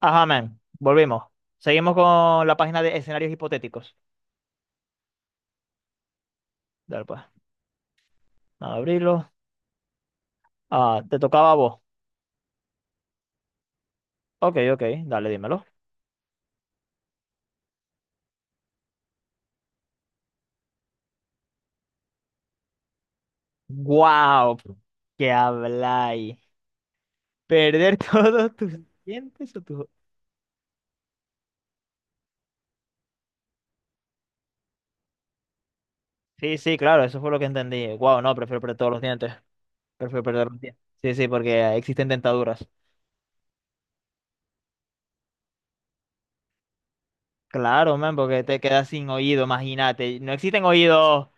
Ajá, man. Volvimos. Seguimos con la página de escenarios hipotéticos. Dale, pues. Vamos a abrirlo. Ah, te tocaba a vos. Ok, ok. Dale, dímelo. ¡Guau! ¿Qué habláis? ¿Perder todos tus dientes o tus? Sí, sí, claro, eso fue lo que entendí. Wow, no, prefiero perder todos los dientes. Prefiero perder los dientes. Sí, sí, porque existen dentaduras. Claro, man, porque te quedas sin oído, imagínate. No existen oídos.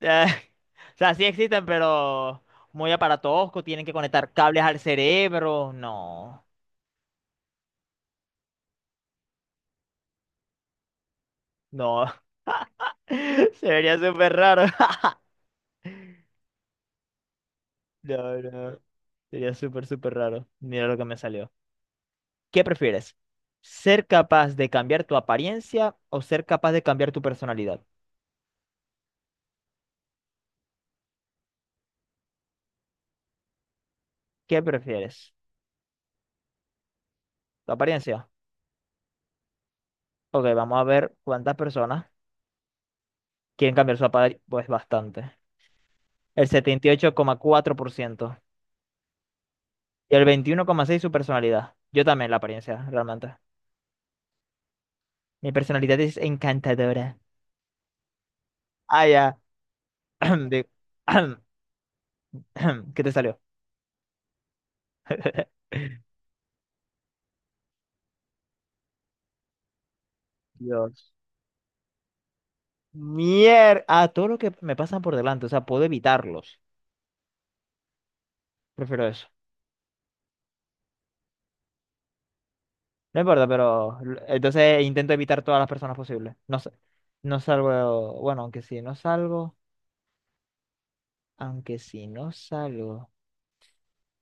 Eh, o sea, sí existen, pero muy aparatosco, tienen que conectar cables al cerebro. No, no. Sería súper raro. No, no. Sería súper, súper raro. Mira lo que me salió. ¿Qué prefieres? ¿Ser capaz de cambiar tu apariencia o ser capaz de cambiar tu personalidad? ¿Qué prefieres? ¿Tu apariencia? Ok, vamos a ver cuántas personas quieren cambiar su apariencia. Pues bastante. El 78,4%. Y el 21,6 su personalidad. Yo también la apariencia, realmente. Mi personalidad es encantadora. Ah, ya. Di- ¿Qué te salió? Dios. A todo lo que me pasan por delante, o sea, puedo evitarlos. Prefiero eso. No importa, pero entonces intento evitar todas las personas posibles. No, no salgo, bueno, aunque si no salgo, aunque si no salgo.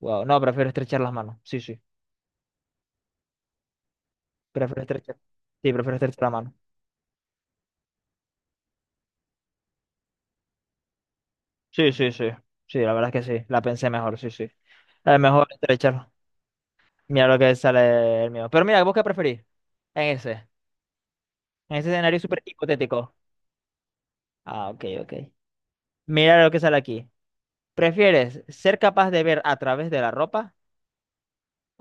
Wow, no, prefiero estrechar las manos. Sí, sí, prefiero estrechar. Sí, prefiero estrechar la mano. Sí, sí, sí. Sí, la verdad es que sí. La pensé mejor, sí, sí. Es mejor estrechar. Mira lo que sale el mío. Pero mira, ¿vos qué preferís? En ese. En ese escenario súper hipotético. Ah, ok, ok. Mira lo que sale aquí. ¿Prefieres ser capaz de ver a través de la ropa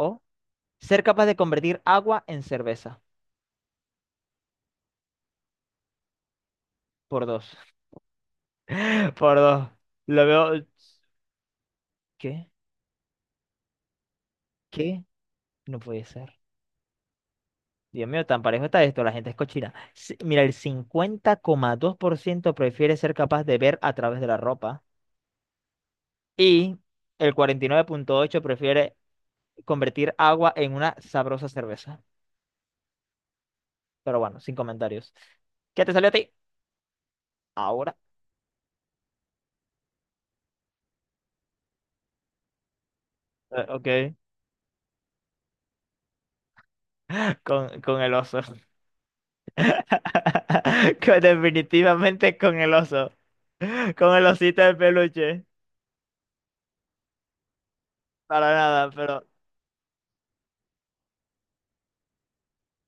o ser capaz de convertir agua en cerveza? Por dos. Por dos. Lo veo. ¿Qué? ¿Qué? No puede ser. Dios mío, tan parejo está esto, la gente es cochina. Sí, mira, el 50,2% prefiere ser capaz de ver a través de la ropa y el 49,8% prefiere convertir agua en una sabrosa cerveza. Pero bueno, sin comentarios. ¿Qué te salió a ti? Ahora. Ok, con el oso. Definitivamente con el oso. Con el osito de peluche. Para nada, pero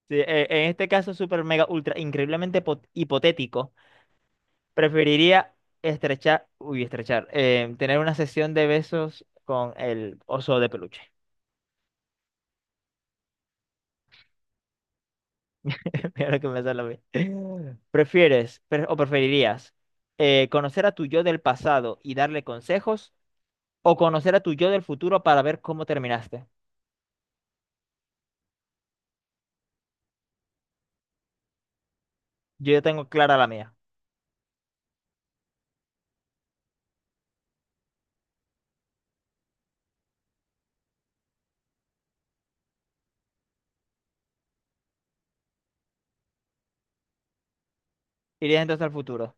sí, en este caso súper mega ultra increíblemente hipotético. Preferiría tener una sesión de besos con el oso de peluche. Mira lo que me sale a mí. ¿Prefieres o preferirías conocer a tu yo del pasado y darle consejos o conocer a tu yo del futuro para ver cómo terminaste? Yo ya tengo clara la mía. ¿Irías entonces al futuro?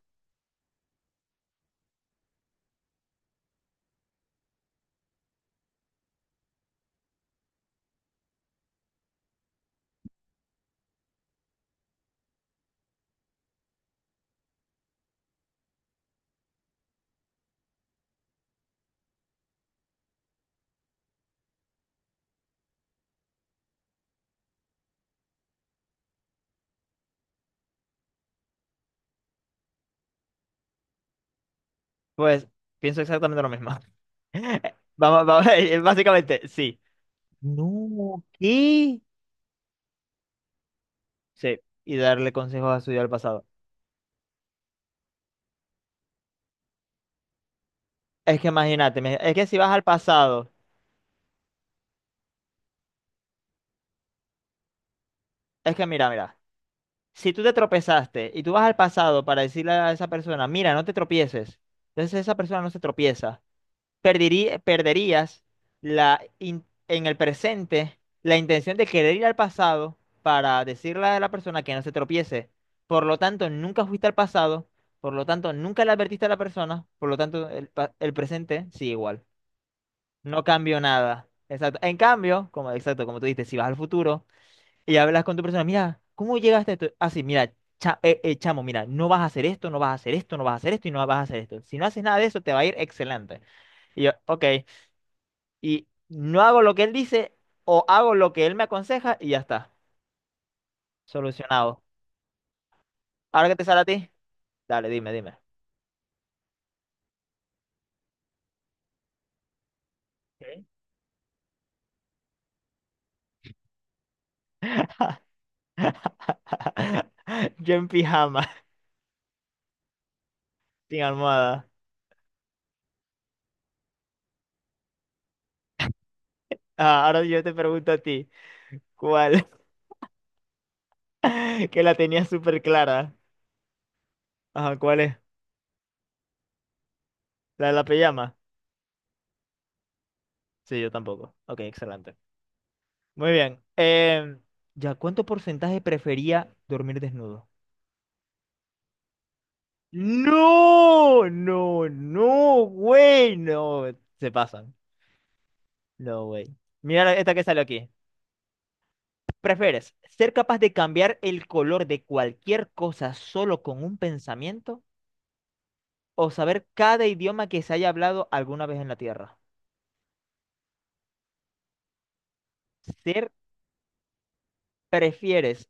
Pues pienso exactamente lo mismo. Vamos, vamos, básicamente, sí. No, ¿qué? Sí, y darle consejos a su yo del pasado. Es que imagínate, es que si vas al pasado, es que mira, mira, si tú te tropezaste y tú vas al pasado para decirle a esa persona, mira, no te tropieces, entonces esa persona no se tropieza, perderías en el presente la intención de querer ir al pasado para decirle a la persona que no se tropiece. Por lo tanto, nunca fuiste al pasado, por lo tanto, nunca le advertiste a la persona, por lo tanto, el presente sigue igual. No cambió nada. Exacto. En cambio, como, exacto, como tú dices, si vas al futuro. Y hablas con tu persona, mira, ¿cómo llegaste a esto? Así, mira, chamo, mira, no vas a hacer esto, no vas a hacer esto, no vas a hacer esto y no vas a hacer esto. Si no haces nada de eso, te va a ir excelente. Y yo, ok, y no hago lo que él dice o hago lo que él me aconseja y ya está, solucionado. Ahora que te sale a ti, dale, dime, dime. Ok. Yo en pijama, sin almohada. Ah, ahora yo te pregunto a ti, ¿cuál? Que la tenía súper clara. Ajá, ¿cuál es? ¿La de la pijama? Sí, yo tampoco. Ok, excelente. Muy bien. ¿Ya cuánto porcentaje prefería dormir desnudo? No, no, no, güey, no. Se pasan. No, güey. Mira esta que sale aquí. ¿Prefieres ser capaz de cambiar el color de cualquier cosa solo con un pensamiento o saber cada idioma que se haya hablado alguna vez en la Tierra? Ser, ¿prefieres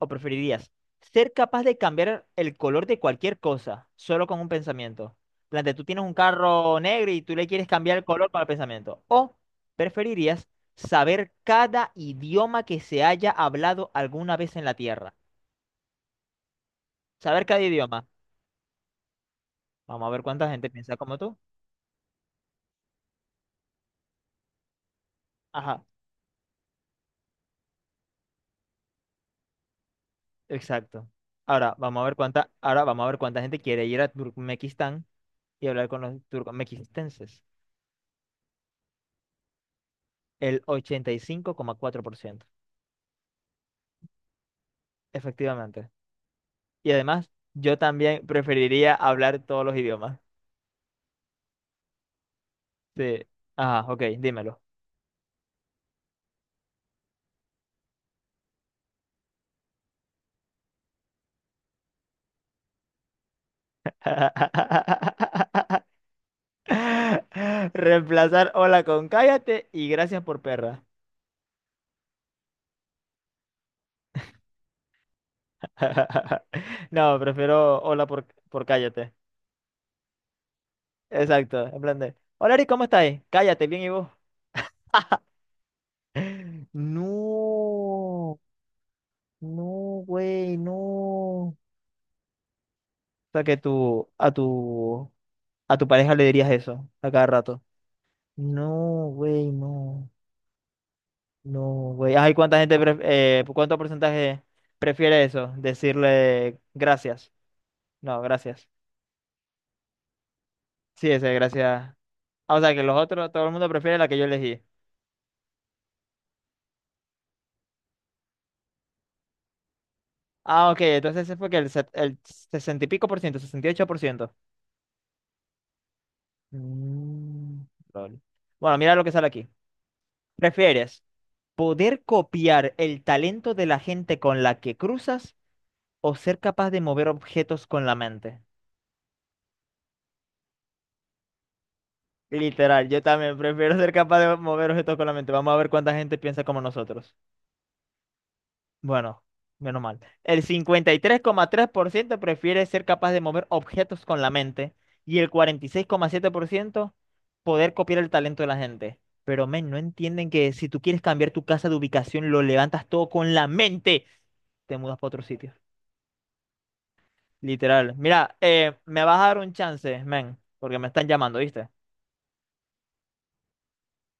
¿O preferirías ser capaz de cambiar el color de cualquier cosa solo con un pensamiento? Plante, tú tienes un carro negro y tú le quieres cambiar el color con el pensamiento. ¿O preferirías saber cada idioma que se haya hablado alguna vez en la Tierra? Saber cada idioma. Vamos a ver cuánta gente piensa como tú. Ajá, exacto. Ahora vamos a ver cuánta gente quiere ir a Turkmenistán y hablar con los turcomequistenses. El 85,4%. Efectivamente. Y además, yo también preferiría hablar todos los idiomas. Sí. Ajá, ok, dímelo. Reemplazar hola con cállate y gracias por perra. No, prefiero hola por cállate. Exacto, en plan de. Hola Ari, ¿cómo estáis? Cállate, bien y vos. No, no, güey, no. O sea que tú, a tu pareja le dirías eso a cada rato. No, güey, no. No, güey. Ay, ¿cuánta gente, cuánto porcentaje prefiere eso? Decirle gracias. No, gracias. Sí, ese, gracias. Ah, o sea, que los otros, todo el mundo prefiere la que yo elegí. Ah, ok, entonces ese fue que el sesenta y pico por ciento, 68%. Mm, lol. Bueno, mira lo que sale aquí. ¿Prefieres poder copiar el talento de la gente con la que cruzas o ser capaz de mover objetos con la mente? Literal, yo también prefiero ser capaz de mover objetos con la mente. Vamos a ver cuánta gente piensa como nosotros. Bueno, menos mal. El 53,3% prefiere ser capaz de mover objetos con la mente y el 46,7% poder copiar el talento de la gente. Pero, men, no entienden que si tú quieres cambiar tu casa de ubicación, lo levantas todo con la mente. Te mudas para otro sitio. Literal. Mira, me vas a dar un chance, men, porque me están llamando, ¿viste?